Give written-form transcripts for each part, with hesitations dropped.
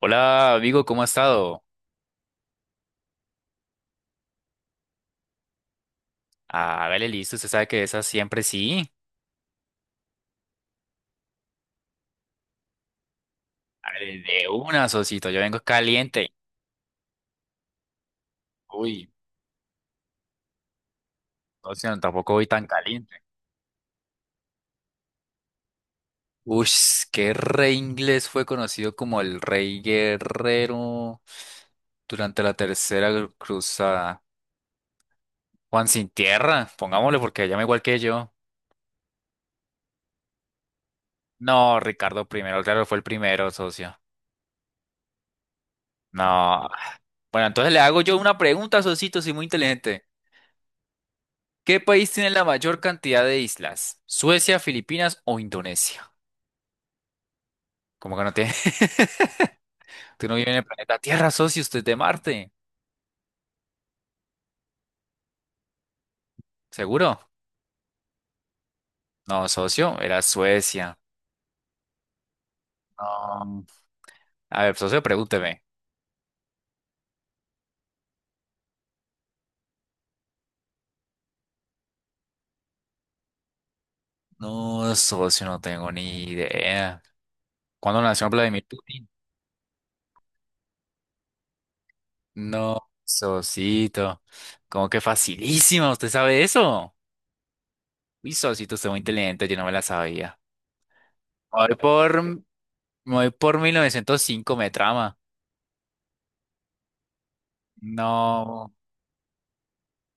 Hola, amigo, ¿cómo ha estado? Hágale listo, usted sabe que esa siempre sí. Hágale de una, socito, yo vengo caliente. Uy, no, sino tampoco voy tan caliente. Uy, qué rey inglés fue conocido como el rey guerrero durante la tercera cruzada. Juan sin tierra, pongámosle porque llama igual que yo. No, Ricardo primero, claro, fue el primero, socio. No. Bueno, entonces le hago yo una pregunta, socito, soy muy inteligente. ¿Qué país tiene la mayor cantidad de islas? ¿Suecia, Filipinas o Indonesia? ¿Cómo que no tiene? Tú no vives en el planeta Tierra, socio, usted es de Marte. ¿Seguro? No, socio, era Suecia. No. A ver, socio, pregúnteme. No, socio, no tengo ni idea. ¿Cuándo nació Vladimir Putin? No, socito. Como que facilísima, ¿usted sabe eso? Uy, socito, usted es muy inteligente, yo no me la sabía. Me voy por 1905, me trama. No.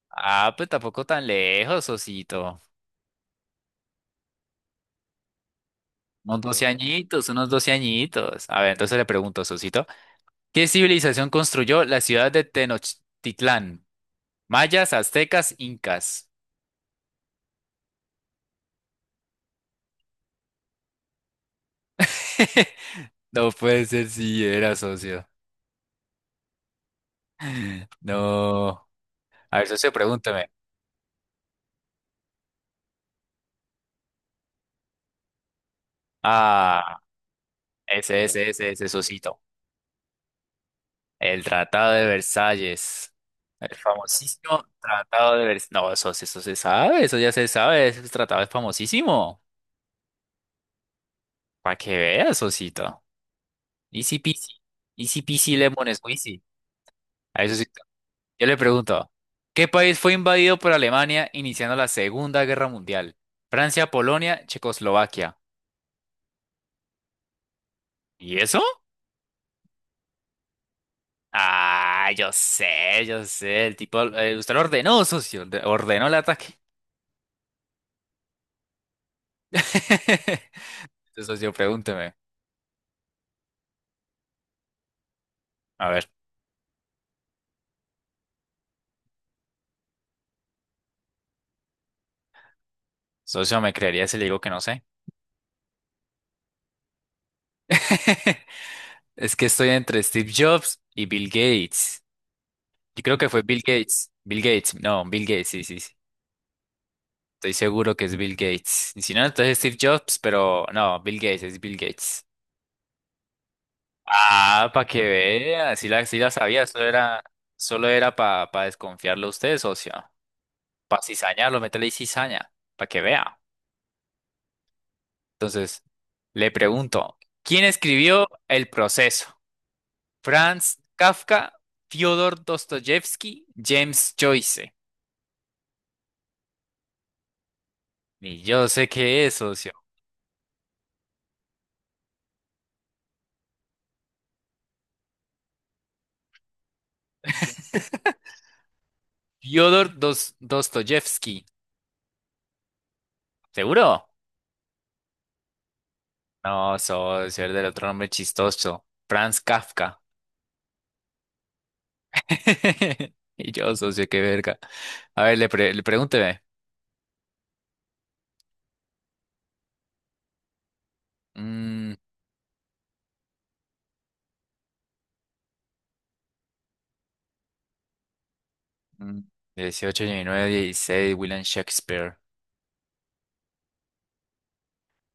Ah, pues tampoco tan lejos, Osito. Unos 12 añitos, unos 12 añitos. A ver, entonces le pregunto, Osito, ¿qué civilización construyó la ciudad de Tenochtitlán? Mayas, aztecas, incas. No puede ser si era socio. No. A ver, socio, pregúntame. Ah, ese, bueno, ese, socito. El Tratado de Versalles. El famosísimo Tratado de Versalles. No, socio, eso se sabe, eso ya se sabe. Ese tratado es famosísimo. Para que veas, Osito. Easy peasy. Easy peasy lemon squeezy. A eso sí. Yo le pregunto, ¿qué país fue invadido por Alemania iniciando la Segunda Guerra Mundial? Francia, Polonia, Checoslovaquia. ¿Y eso? Ah, yo sé, yo sé. El tipo, usted lo ordenó, socio. Ordenó el ataque. Entonces, socio, pregúnteme. A ver, socio, ¿me creería si le digo que no sé? Es que estoy entre Steve Jobs y Bill Gates. Yo creo que fue Bill Gates. Bill Gates, no, Bill Gates, sí, sí, sí. Estoy seguro que es Bill Gates. Y si no, entonces Steve Jobs, pero no, Bill Gates, es Bill Gates. Ah, para que vea, sí la sabía, solo era para desconfiarlo a usted, socio. Para cizañarlo, meterle cizaña, para que vea. Entonces, le pregunto, ¿quién escribió El proceso? Franz Kafka, Fyodor Dostoyevsky, James Joyce. Y yo sé que eso, Fyodor Dostoyevsky. ¿Seguro? No, socio, el del otro nombre chistoso. Franz Kafka. Y yo, socio, qué verga. A ver, le pregúnteme. Mm, mm, dieciocho, diecinueve, dieciséis, William Shakespeare.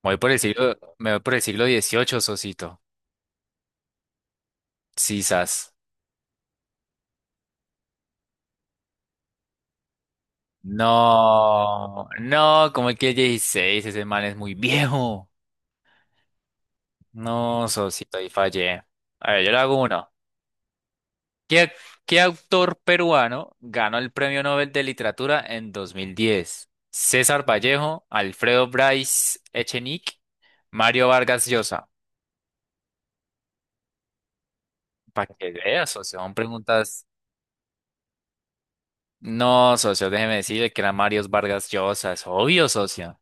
Me voy por el siglo, me voy por el siglo dieciocho, socito. Sisas. No, no, como que 16 ese man es muy viejo. No, socito, ahí fallé. A ver, yo le hago uno. ¿Qué, ac- qué autor peruano ganó el Premio Nobel de Literatura en 2010? César Vallejo, Alfredo Bryce Echenique, Mario Vargas Llosa. Para que veas, socio, son preguntas. No, socio, déjeme decirle que era Mario Vargas Llosa. Es obvio, socio.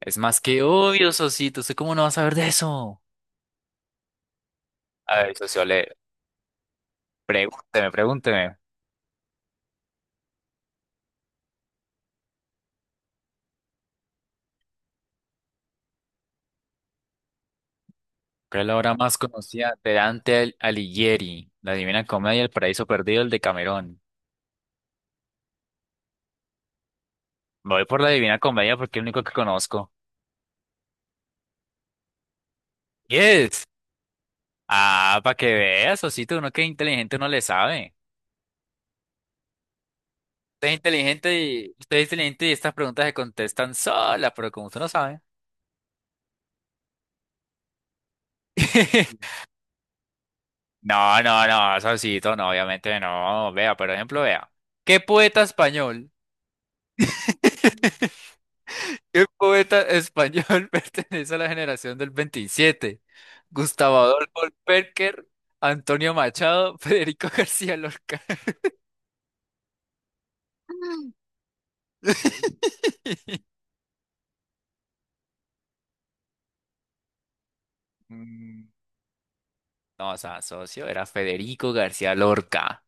Es más que obvio, socito. ¿Usted cómo no va a saber de eso? A ver, socio, le pregúnteme. ¿Cuál es la obra más conocida de Dante Alighieri? La Divina Comedia, El Paraíso Perdido, el de Camerón. Me voy por la Divina Comedia porque es el único que conozco. Yes. Ah, para que veas, Osito, uno que es inteligente no le sabe. Usted es inteligente y usted es inteligente y estas preguntas se contestan solas, pero como usted no sabe. No, no, no, Osito, no, obviamente no. Vea, por ejemplo, vea. ¿Qué poeta español? ¿Qué poeta español pertenece a la generación del 27? Gustavo Adolfo Perker, Antonio Machado, Federico García Lorca. Mm, No, o sea, socio, era Federico García Lorca.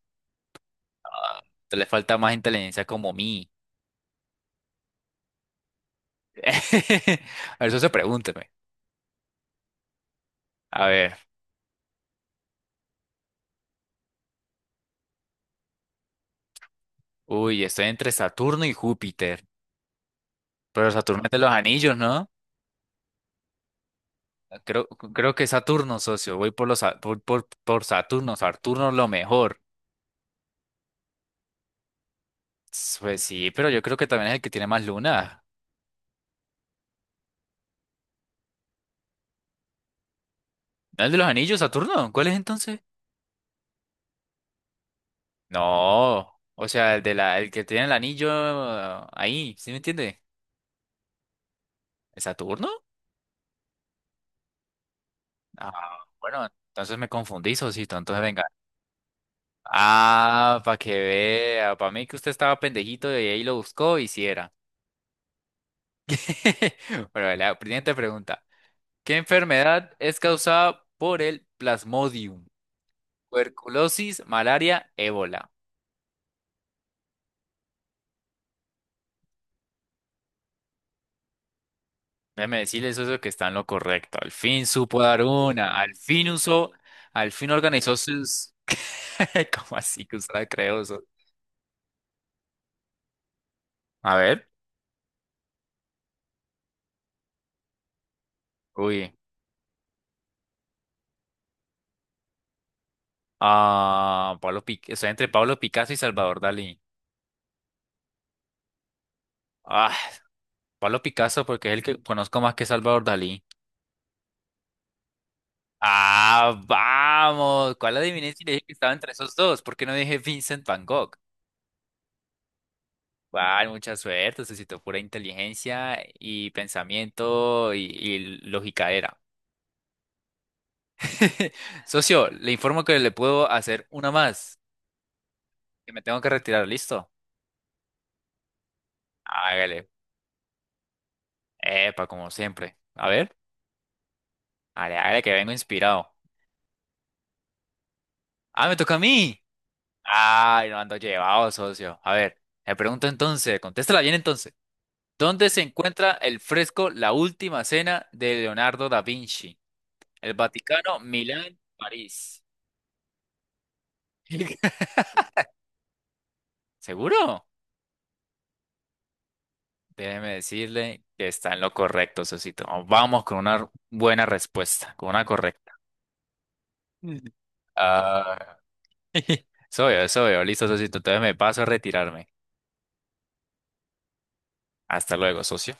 Ah, te le falta más inteligencia como mí. A ver, socio, pregúnteme. A ver, uy, estoy entre Saturno y Júpiter. Pero Saturno es de los anillos, ¿no? Creo que Saturno, socio. Voy por los, Sa- por Saturno. Saturno es lo mejor. Pues sí, pero yo creo que también es el que tiene más lunas. ¿No es el de los anillos, Saturno? ¿Cuál es entonces? No. O sea, el que tiene el anillo ah, ahí, ¿sí me entiende? ¿Es Saturno? Ah, bueno, entonces me confundí, Sosito. Entonces venga. Ah, para que vea. Para mí que usted estaba pendejito y ahí lo buscó y sí era. Bueno, vale, la siguiente pregunta. ¿Qué enfermedad es causada por el Plasmodium? Tuberculosis, malaria, ébola. Déjeme decirles eso que está en lo correcto. Al fin supo dar una. Al fin usó. Al fin organizó sus. ¿Cómo así que usted la creó? ¿Sos? A ver. Uy. Ah, Pablo Picasso, estoy entre Pablo Picasso y Salvador Dalí. Ah, Pablo Picasso porque es el que conozco más que Salvador Dalí. Ah, vamos. ¿Cuál adiviné si le dije que estaba entre esos dos? ¿Por qué no dije Vincent Van Gogh? Vale, mucha suerte, necesito pura inteligencia y pensamiento y lógica era. Socio, le informo que le puedo hacer una más, que me tengo que retirar, ¿listo? Hágale. Epa, como siempre. A ver, hágale, hágale que vengo inspirado. Ah, me toca a mí. Ay, no ando llevado, socio. A ver, me pregunto entonces, contéstala bien entonces. ¿Dónde se encuentra el fresco La Última Cena de Leonardo da Vinci? El Vaticano, Milán, París. ¿Seguro? Déjeme decirle que está en lo correcto, socito. Vamos con una buena respuesta, con una correcta. Mm. Ah, soy yo. Listo, socito. Entonces me paso a retirarme. Hasta luego, socio.